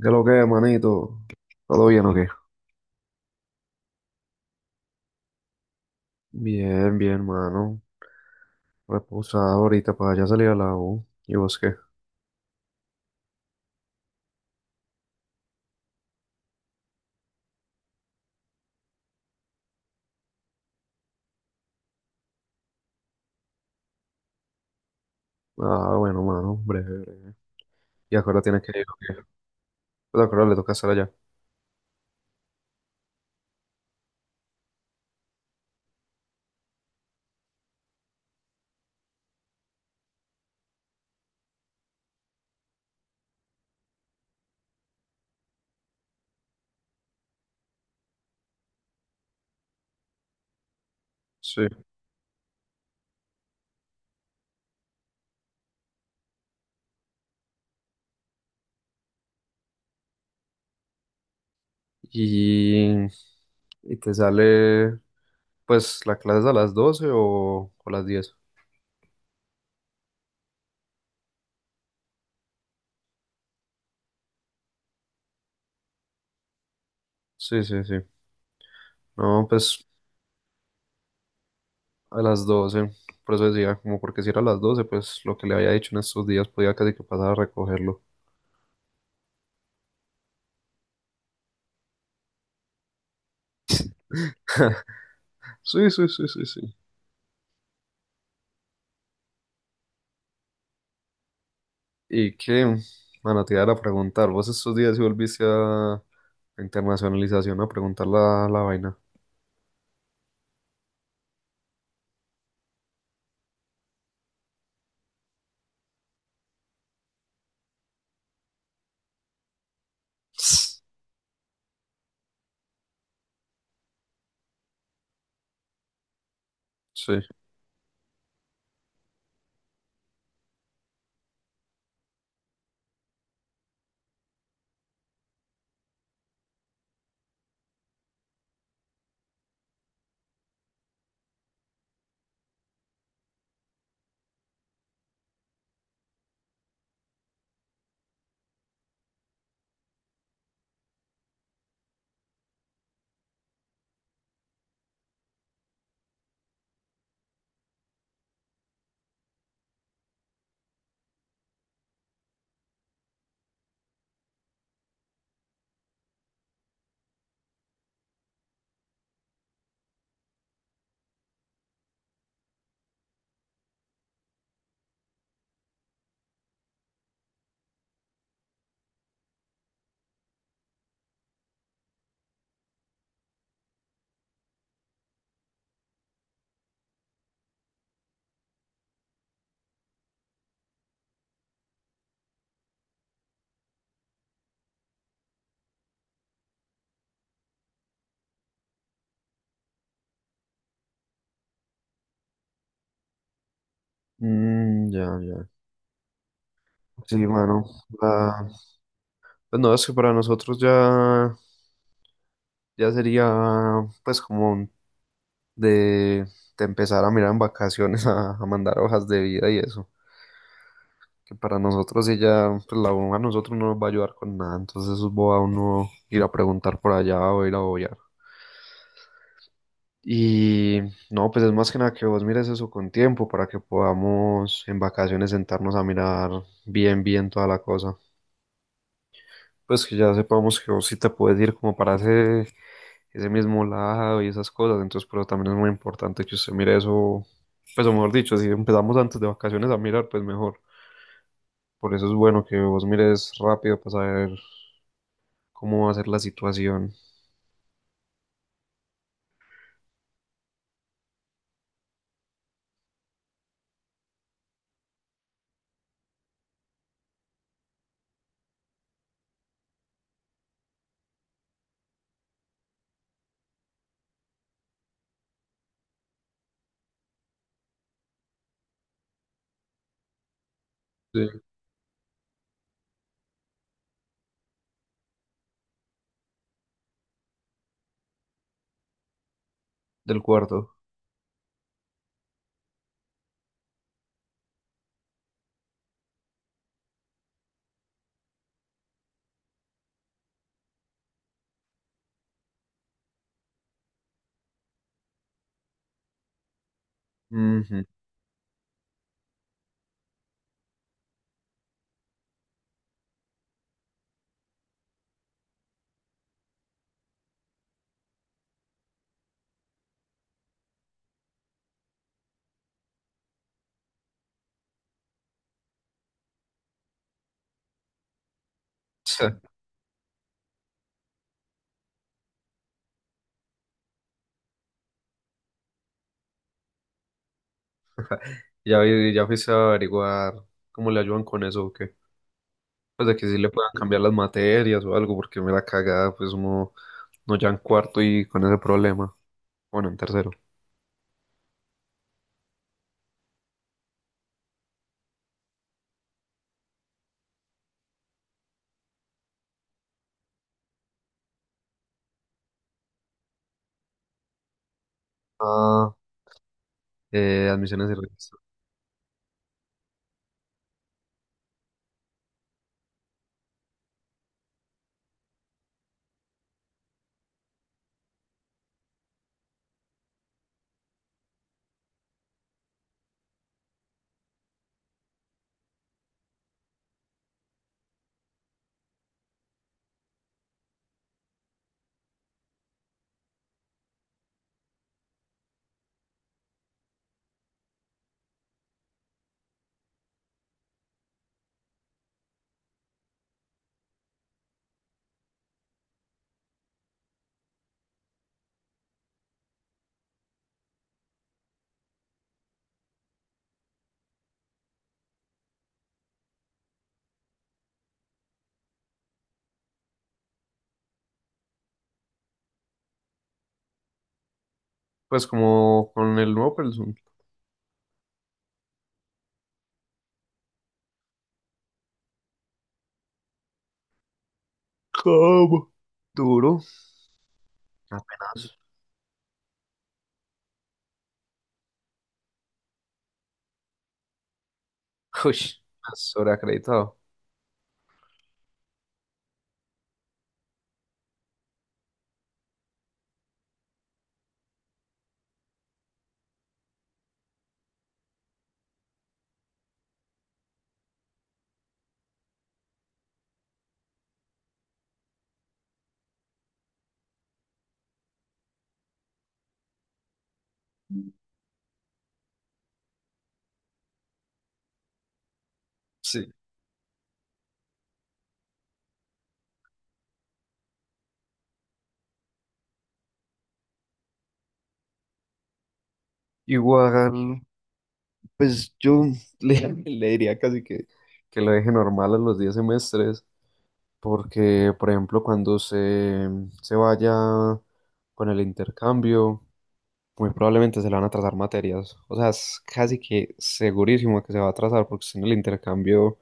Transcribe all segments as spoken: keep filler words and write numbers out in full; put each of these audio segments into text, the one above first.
¿Qué lo que, manito? ¿Todo bien o qué? Bien, bien, mano. Reposado ahorita para ya salir a la U. ¿Y vos qué? Ah, bueno, mano, breve, breve. ¿Y ahora tienes que ir o qué? Pues ahora le toca estar allá. Sí. Y... ¿Y te sale, pues, la clase es a las doce o, o a las diez? Sí, sí, sí. No, pues, a las doce. Por eso decía, como porque si era a las doce, pues, lo que le había dicho en estos días podía casi que pasar a recogerlo. Sí, sí, sí, sí, sí. Y que, bueno, te iba a preguntar, vos estos días si volviste a a internacionalización a preguntar la, la vaina. Sí. Mm, ya, ya. Sí, mano. la- Pues no, es que para nosotros ya, ya sería pues como un- de, de empezar a mirar en vacaciones a, a mandar hojas de vida y eso. Que para nosotros ella pues la U a nosotros no nos va a ayudar con nada, entonces eso es boba uno ir a preguntar por allá o ir a obviar. Y no, pues es más que nada que vos mires eso con tiempo para que podamos en vacaciones sentarnos a mirar bien, bien toda la cosa. Pues que ya sepamos que vos sí te puedes ir como para ese, ese mismo lado y esas cosas. Entonces, pero también es muy importante que usted mire eso, pues o mejor dicho, si empezamos antes de vacaciones a mirar, pues mejor. Por eso es bueno que vos mires rápido para saber cómo va a ser la situación de- del cuarto. Ujú. Ya, vi- ya fuiste a averiguar cómo le ayudan con eso o qué. Pues de que sí le puedan cambiar las materias o algo, porque me la cagada, pues uno no ya en cuarto y con ese problema. Bueno, en tercero. Ah, eh, admisiones y registro. Pues como con el nuevo Pelsun. ¿Cómo? Duro. Apenas. Uy, sobreacreditado. Sí. Igual, pues yo le, le diría casi que, que lo deje normal a los diez semestres, porque, por ejemplo, cuando se, se vaya con el intercambio, muy probablemente se le van a atrasar materias. O sea, es casi que segurísimo que se va a atrasar porque si en el intercambio,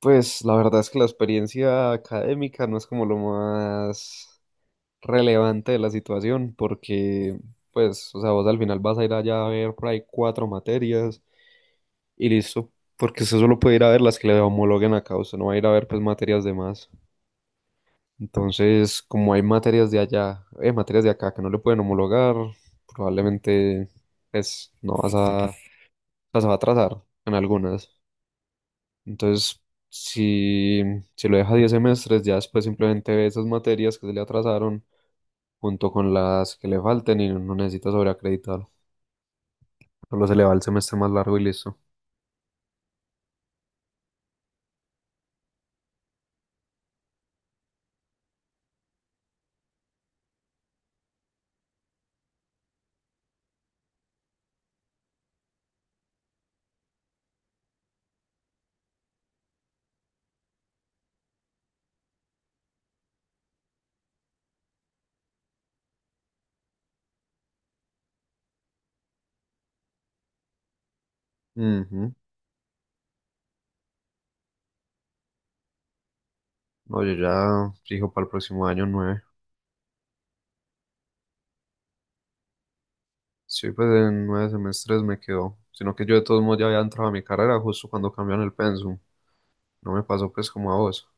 pues la verdad es que la experiencia académica no es como lo más relevante de la situación porque, pues, o sea, vos al final vas a ir allá a ver por ahí cuatro materias y listo. Porque usted solo puede ir a ver las que le homologuen acá, usted no va a ir a ver pues materias de más. Entonces, como hay materias de allá, eh, materias de acá que no le pueden homologar, probablemente pues no vas a sea, se va a atrasar en algunas. Entonces, si, si lo deja diez semestres, ya después simplemente ve esas materias que se le atrasaron junto con las que le falten y no necesita sobreacreditar. Solo se le va el semestre más largo y listo. Ujú. No, yo ya fijo para el próximo año nueve. Sí, pues en nueve semestres me quedo. Sino que yo de todos modos ya había entrado a mi carrera justo cuando cambiaron el pensum. No me pasó pues como a vos.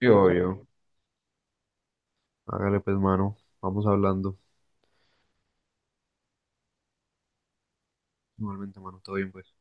Sí, obvio. Hágale pues, mano. Vamos hablando. Igualmente, mano, todo bien, pues.